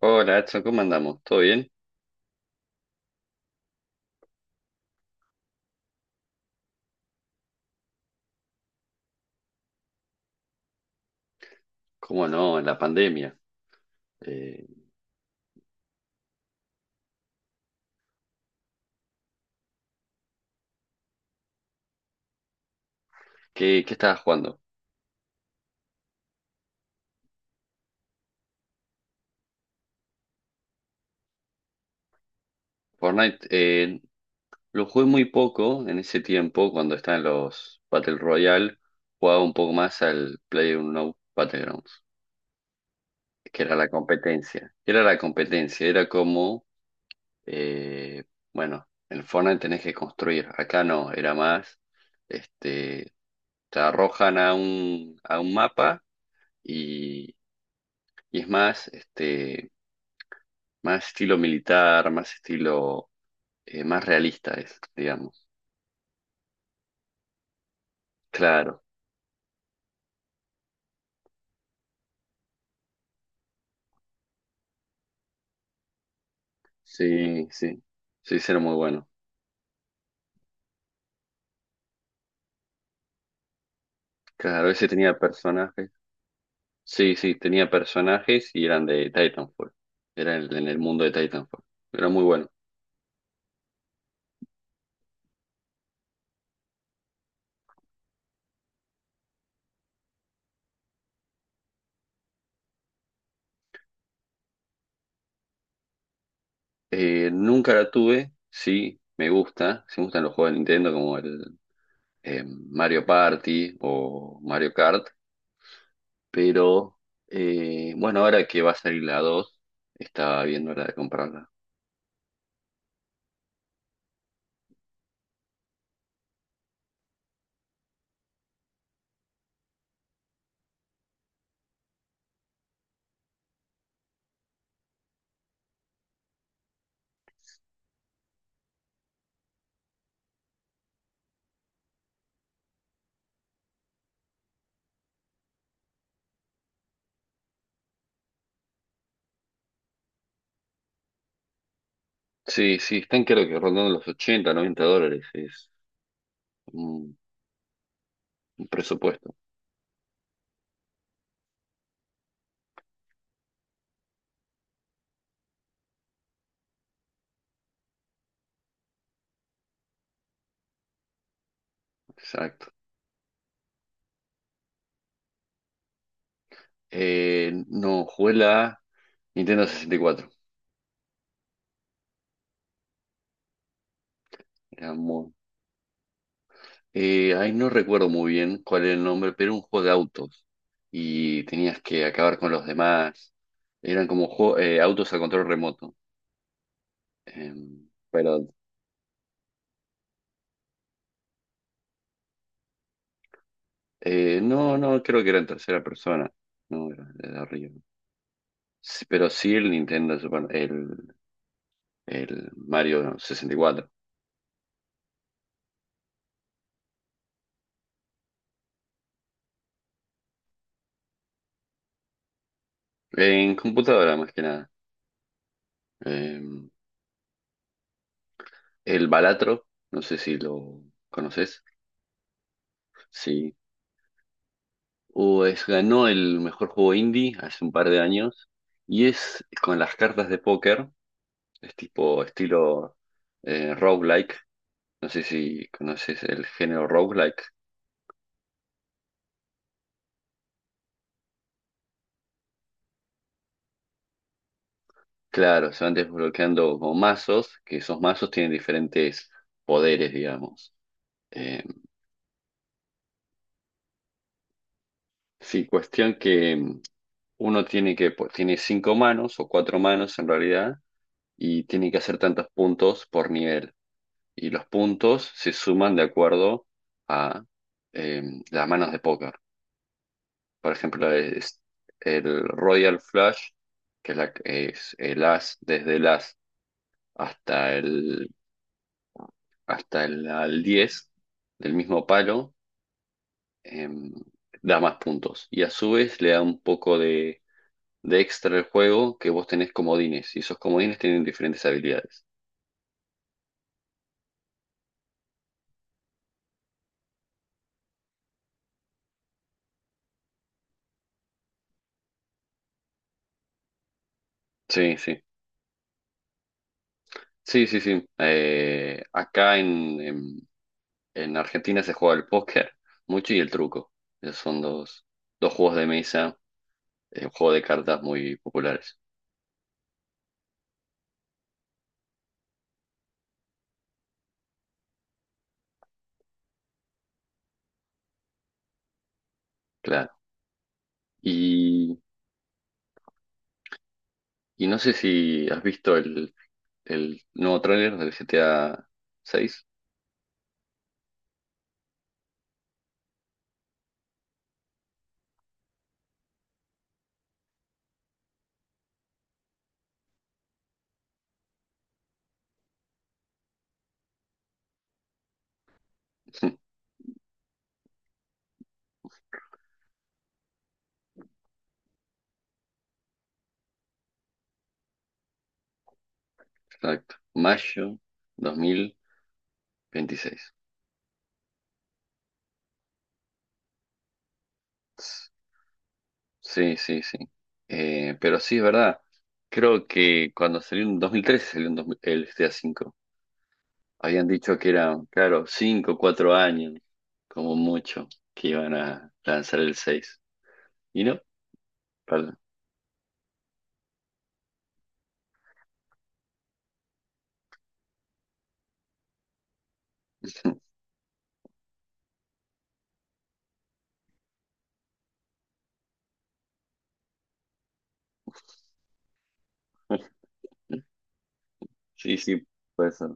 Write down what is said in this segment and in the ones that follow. Hola, Edson, ¿cómo andamos? ¿Todo bien? ¿Cómo no? En la pandemia. Eh, ¿qué estabas jugando? Fortnite, lo jugué muy poco en ese tiempo, cuando estaban los Battle Royale, jugaba un poco más al PlayerUnknown's Battlegrounds, que era la competencia. Era la competencia, era como, eh, bueno, en Fortnite tenés que construir, acá no, era más, este, te arrojan a un mapa y, y es más, Más estilo militar, más estilo, más realista es, digamos. Claro, sí, sí, sí, ese era muy bueno. Claro, ese tenía personajes, sí, sí, tenía personajes y eran de Titanfall, era en el mundo de Titanfall, era muy bueno. Nunca la tuve, sí, me gusta, sí me gustan los juegos de Nintendo como el Mario Party o Mario Kart, pero bueno, ahora que va a salir la 2 estaba viendo la de comprarla. Sí, sí, están creo que rondando los $80, $90, es un, un presupuesto, exacto. No, jugué la Nintendo 64, era muy- ahí no recuerdo muy bien cuál era el nombre, pero era un juego de autos y tenías que acabar con los demás, eran como autos a control remoto. Eh, pero no, no, creo que era en tercera persona, no, era de arriba. Sí, pero sí el el Mario 64. En computadora más que nada. Eh, el Balatro, no sé si lo conoces. Sí. O es, ganó el mejor juego indie hace un par de años. Y es con las cartas de póker. Es tipo estilo roguelike. No sé si conoces el género roguelike. Claro, se van desbloqueando como mazos, que esos mazos tienen diferentes poderes, digamos. Eh, sí, cuestión que uno tiene que, pues, tiene 5 manos o 4 manos en realidad y tiene que hacer tantos puntos por nivel. Y los puntos se suman de acuerdo a eh, las manos de póker. Por ejemplo, es el Royal Flush, que es, es el as desde el as hasta el, hasta el al 10 del mismo palo, eh, da más puntos. Y a su vez le da un poco de extra al juego que vos tenés comodines. Y esos comodines tienen diferentes habilidades. Sí, sí. Sí, sí, sí. Acá en Argentina se juega el póker mucho y el truco. Esos son dos juegos de mesa, un juego de cartas muy populares. Claro. Y, y no sé si has visto el nuevo tráiler del GTA 6. Exacto. Mayo 2026. Sí, sí, sí. Pero sí, es verdad. Creo que cuando salió en 2013 salió en dos- mil el GTA V. Habían dicho que eran, claro, 5, o 4 años, como mucho, que iban a lanzar el 6. ¿Y no? Perdón. Sí, sí, puede ser.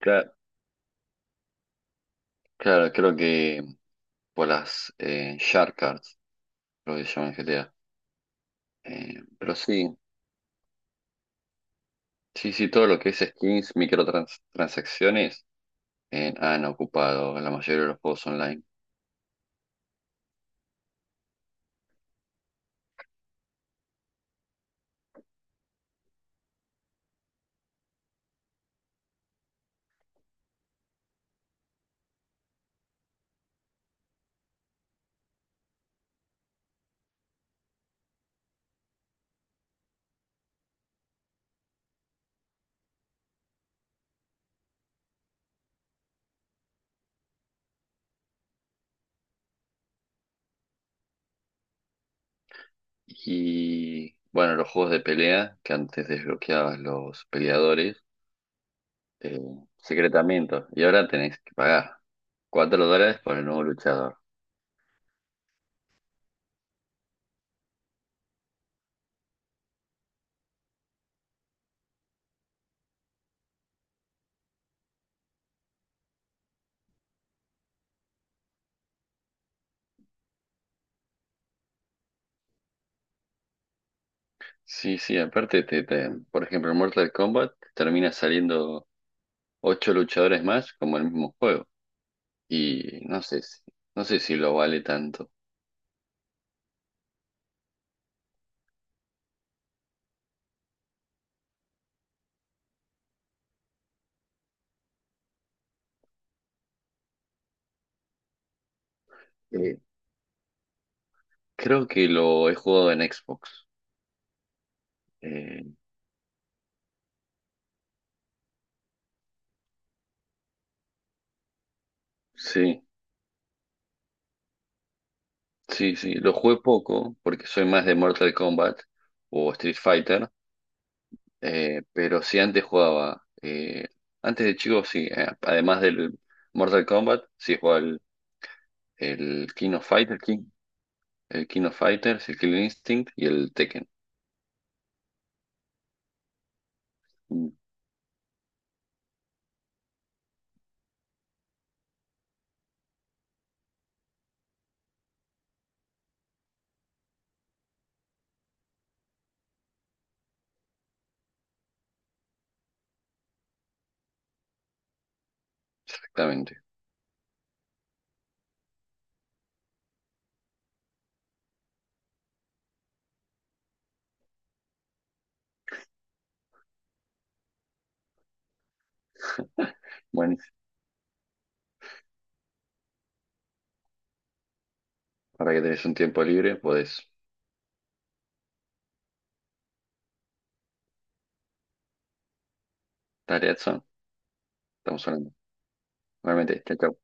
Claro, claro, creo que por las Shark Cards, lo que se llaman GTA. Eh, pero sí, sí, sí, todo lo que es skins, microtransacciones han ocupado la mayoría de los juegos online. Y bueno, los juegos de pelea, que antes desbloqueabas los peleadores, eh, secretamiento. Y ahora tenés que pagar $4 por el nuevo luchador. Sí, sí, aparte, por ejemplo, en Mortal Kombat te termina saliendo 8 luchadores más como el mismo juego. Y no sé si lo vale tanto. Eh, creo que lo he jugado en Xbox. Eh, sí, sí, lo jugué poco porque soy más de Mortal Kombat o Street Fighter. Pero sí, antes jugaba. Antes de chico, sí. Eh, además del Mortal Kombat, sí jugaba el King of Fighter, King, el King of Fighters, el Killing Instinct y el Tekken. Mm, Exactamente. Bueno, para que tenés un tiempo libre, podés. Tarea son. Estamos hablando. Realmente, chao. Chao.